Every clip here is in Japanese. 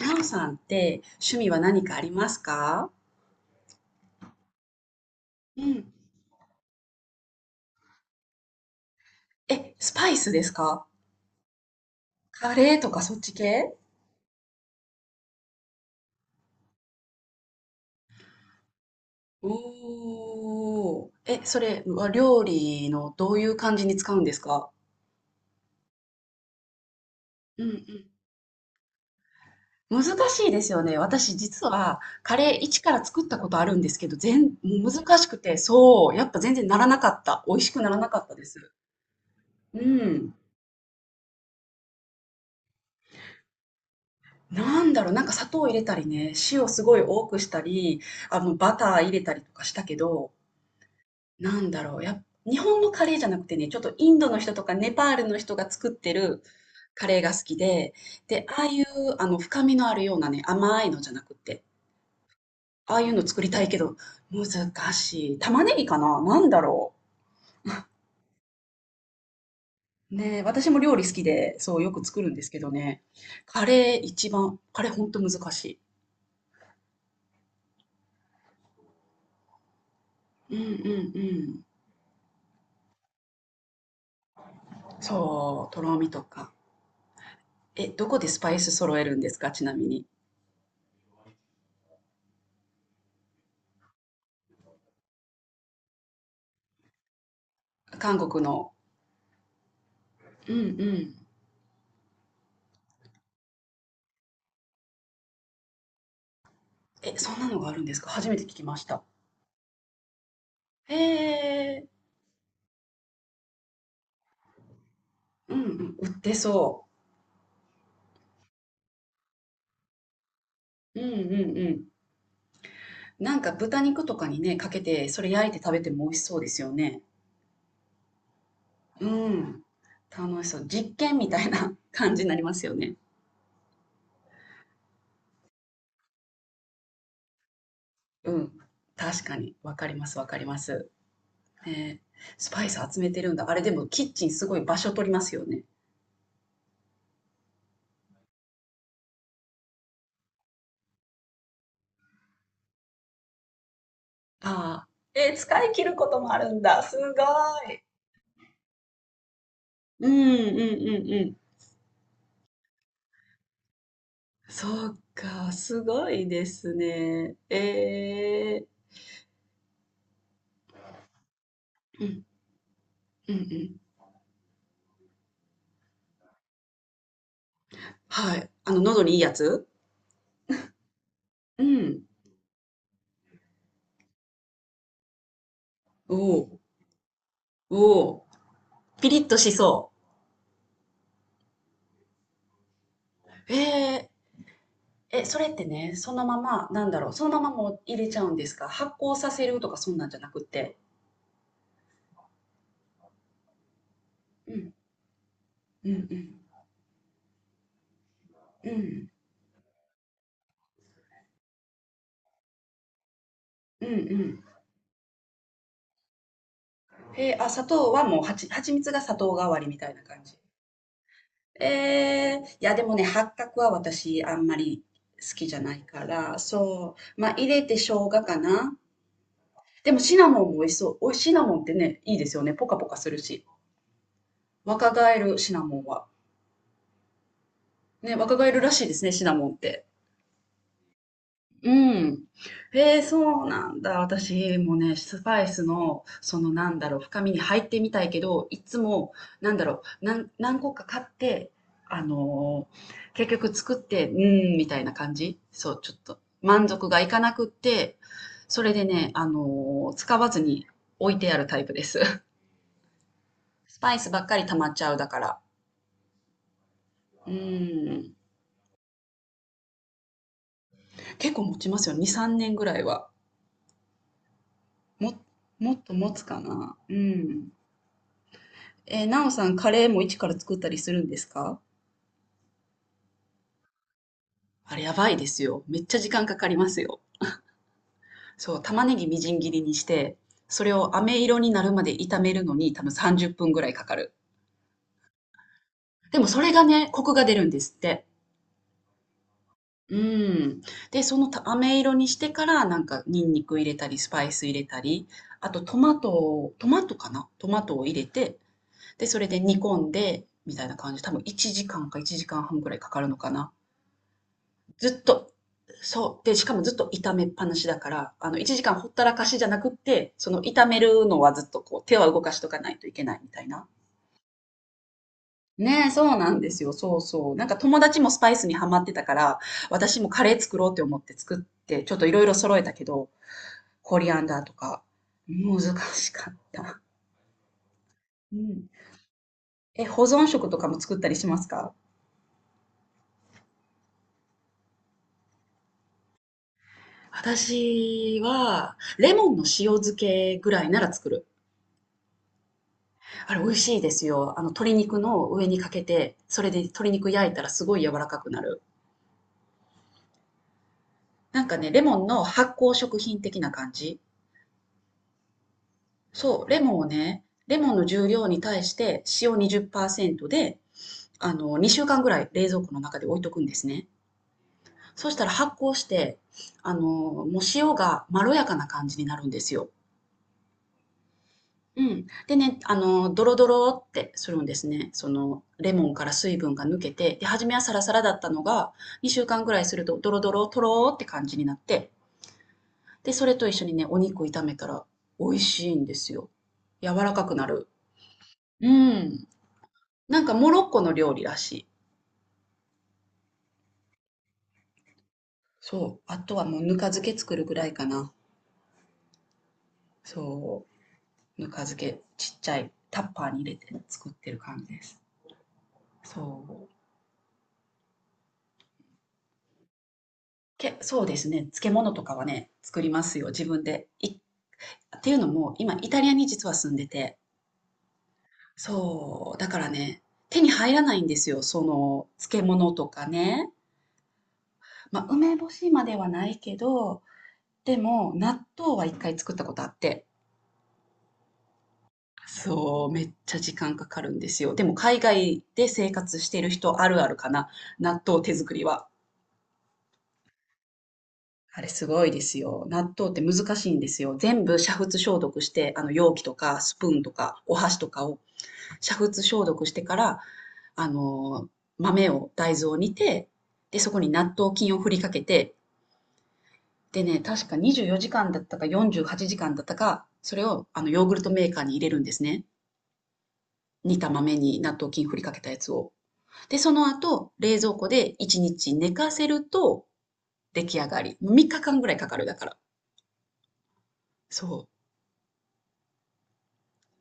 なおさんって趣味は何かありますか？うん、え、スパイスですか？カレーとかそっち系？おー。え、それは料理のどういう感じに使うんですか？うん、うん。難しいですよね。私実はカレー一から作ったことあるんですけど、もう難しくて、そう、やっぱ全然ならなかった。美味しくならなかったです。うん。なんだろう、なんか砂糖入れたりね、塩すごい多くしたり、バター入れたりとかしたけど、なんだろう、日本のカレーじゃなくてね、ちょっとインドの人とかネパールの人が作ってるカレーが好きで、で、ああいうあの深みのあるようなね、甘いのじゃなくて、ああいうの作りたいけど、難しい。玉ねぎかななんだろう。ねえ、私も料理好きで、そう、よく作るんですけどね、カレー一番、カレーほんと難しい。うんうんうん。そう、とろみとか。え、どこでスパイス揃えるんですかちなみに。韓国の。うんうん。え、そんなのがあるんですか？初めて聞きました。へえ、うんうん、売ってそう。うんうんうん。なんか豚肉とかにね、かけて、それ焼いて食べても美味しそうですよね。うん。楽しそう。実験みたいな 感じになりますよね。うん。確かに。わかりますわかります。ねえ。スパイス集めてるんだ。あれでもキッチンすごい場所取りますよね。ああ。使い切ることもあるんだ。すごい。うんうんうんうん。そうか、すごいですね。ええー。うん、うんうん。はい。あの、喉にいいやつ？うん。おお、おお。ピリッとしそう。ええ。え、それってね、そのまま、なんだろう、そのままもう入れちゃうんですか？発酵させるとかそんなんじゃなくて。うん、うんうん。うん、うんうん。へえー、あ、砂糖はもう蜂蜜が砂糖代わりみたいな感じ？いやでもね、八角は私あんまり好きじゃないから、そう、まあ入れて生姜かな。でもシナモンも美味しそう。お、シナモンってね、いいですよね。ポカポカするし。若返るシナモンは。ね、若返るらしいですね、シナモンって。うん。へえ、そうなんだ。私もね、スパイスの、そのなんだろう、深みに入ってみたいけど、いつも、なんだろう、何個か買って、あのー結局作って、うーん、みたいな感じ。そう、ちょっと満足がいかなくって、それでね、使わずに置いてあるタイプです。スパイスばっかり溜まっちゃうだから。うん。結構持ちますよ。2、3年ぐらいは。も、もっと持つかな。うん。なおさん、カレーも一から作ったりするんですか？あれやばいですよ。めっちゃ時間かかりますよ。そう、玉ねぎみじん切りにして、それを飴色になるまで炒めるのに多分30分ぐらいかかる。でもそれがね、コクが出るんですって。うん。で、その飴色にしてからなんかニンニク入れたり、スパイス入れたり、あとトマトを、トマトかなトマトを入れて、で、それで煮込んで、みたいな感じ。多分1時間か1時間半ぐらいかかるのかな。ずっと。そう。で、しかもずっと炒めっぱなしだから、1時間ほったらかしじゃなくって、その炒めるのはずっとこう、手は動かしとかないといけないみたいな。ねえ、そうなんですよ。そうそう。なんか友達もスパイスにハマってたから、私もカレー作ろうって思って作って、ちょっといろいろ揃えたけど、コリアンダーとか、難しかった。うん。え、保存食とかも作ったりしますか？私は、レモンの塩漬けぐらいなら作る。あれ美味しいですよ。鶏肉の上にかけて、それで鶏肉焼いたらすごい柔らかくなる。なんかね、レモンの発酵食品的な感じ。そう、レモンをね、レモンの重量に対して塩20%で、2週間ぐらい冷蔵庫の中で置いとくんですね。そしたら発酵して、もう塩がまろやかな感じになるんですよ。うん。でね、ドロドロってするんですね。その、レモンから水分が抜けて、で、初めはサラサラだったのが、2週間ぐらいすると、ドロドロ、とろーって感じになって、で、それと一緒にね、お肉炒めたら、美味しいんですよ。柔らかくなる。うん。なんか、モロッコの料理らしい。そう。あとはもう、ぬか漬け作るぐらいかな。そう。ぬか漬け、ちっちゃいタッパーに入れて作ってる感じです。そう。そうですね。漬物とかはね、作りますよ、自分で。っていうのも、今、イタリアに実は住んでて、そう、だからね、手に入らないんですよ、その、漬物とかね。まあ、梅干しまではないけど、でも、納豆は一回作ったことあって、そう、めっちゃ時間かかるんですよ。でも、海外で生活している人あるあるかな、納豆手作りは。あれすごいですよ。納豆って難しいんですよ。全部煮沸消毒して、あの容器とかスプーンとかお箸とかを煮沸消毒してから、あの大豆を煮て、で、そこに納豆菌を振りかけて、でね、確か24時間だったか48時間だったか、それをあのヨーグルトメーカーに入れるんですね。煮た豆に納豆菌振りかけたやつを。で、その後、冷蔵庫で1日寝かせると出来上がり。3日間ぐらいかかるだから。そう。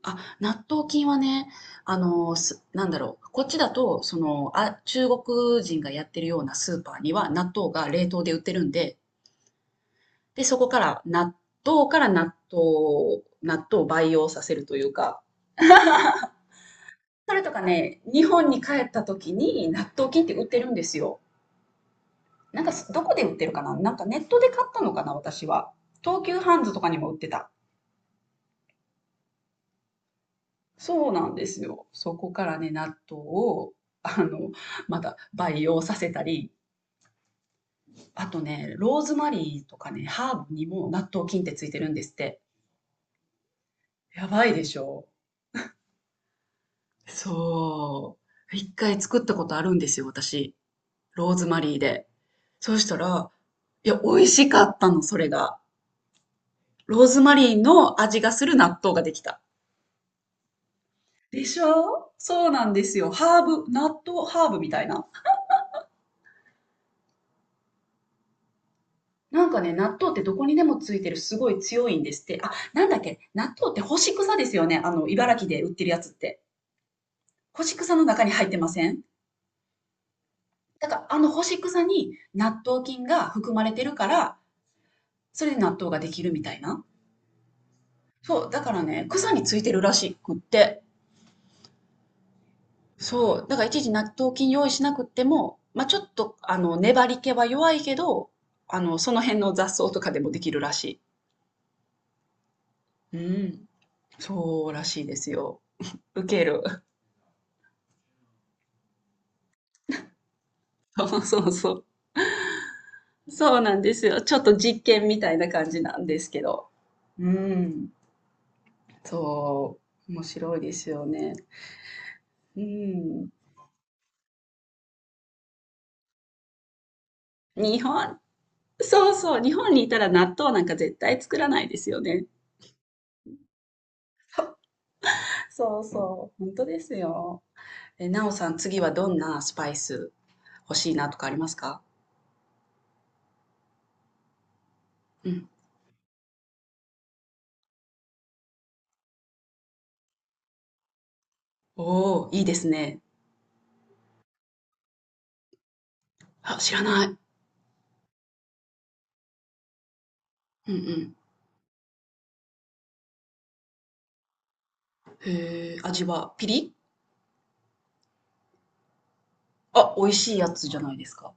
あ、納豆菌はね、なんだろう、こっちだと、その、あ、中国人がやってるようなスーパーには納豆が冷凍で売ってるんで、で、そこから豆から納納豆を培養させるというか、それとかね、日本に帰った時に納豆菌って売ってるんですよ。なんかどこで売ってるかななんかネットで買ったのかな私は。東急ハンズとかにも売ってた。そうなんですよ。そこからね、納豆を、あの、また培養させたり、あとね、ローズマリーとかね、ハーブにも納豆菌ってついてるんですって。やばいでしょそう。一回作ったことあるんですよ、私。ローズマリーで。そうしたら、いや、美味しかったの、それが。ローズマリーの味がする納豆ができた。でしょそうなんですよ。ハーブ、納豆ハーブみたいな。なんかね、納豆ってどこにでもついてるすごい強いんですって。あ、なんだっけ納豆って干し草ですよね。茨城で売ってるやつって。干し草の中に入ってません？だからあの干し草に納豆菌が含まれてるから、それで納豆ができるみたいな。そう、だからね、草についてるらしくって。そう、だからいちいち納豆菌用意しなくっても、まあ、ちょっと、粘り気は弱いけど、その辺の雑草とかでもできるらしい。うん。そうらしいですよ。ウケる。そうそうそう。そうなんですよ。ちょっと実験みたいな感じなんですけど。うん。そう。面白いですよね。うん。日本、そうそう、日本にいたら納豆なんか絶対作らないですよね。そうそう、本当ですよ。え、なおさん、次はどんなスパイス欲しいなとかありますか？うん。おー、いいですね。あ、知らない。うんうん。へえ、味はあ、美味しいやつじゃないですか。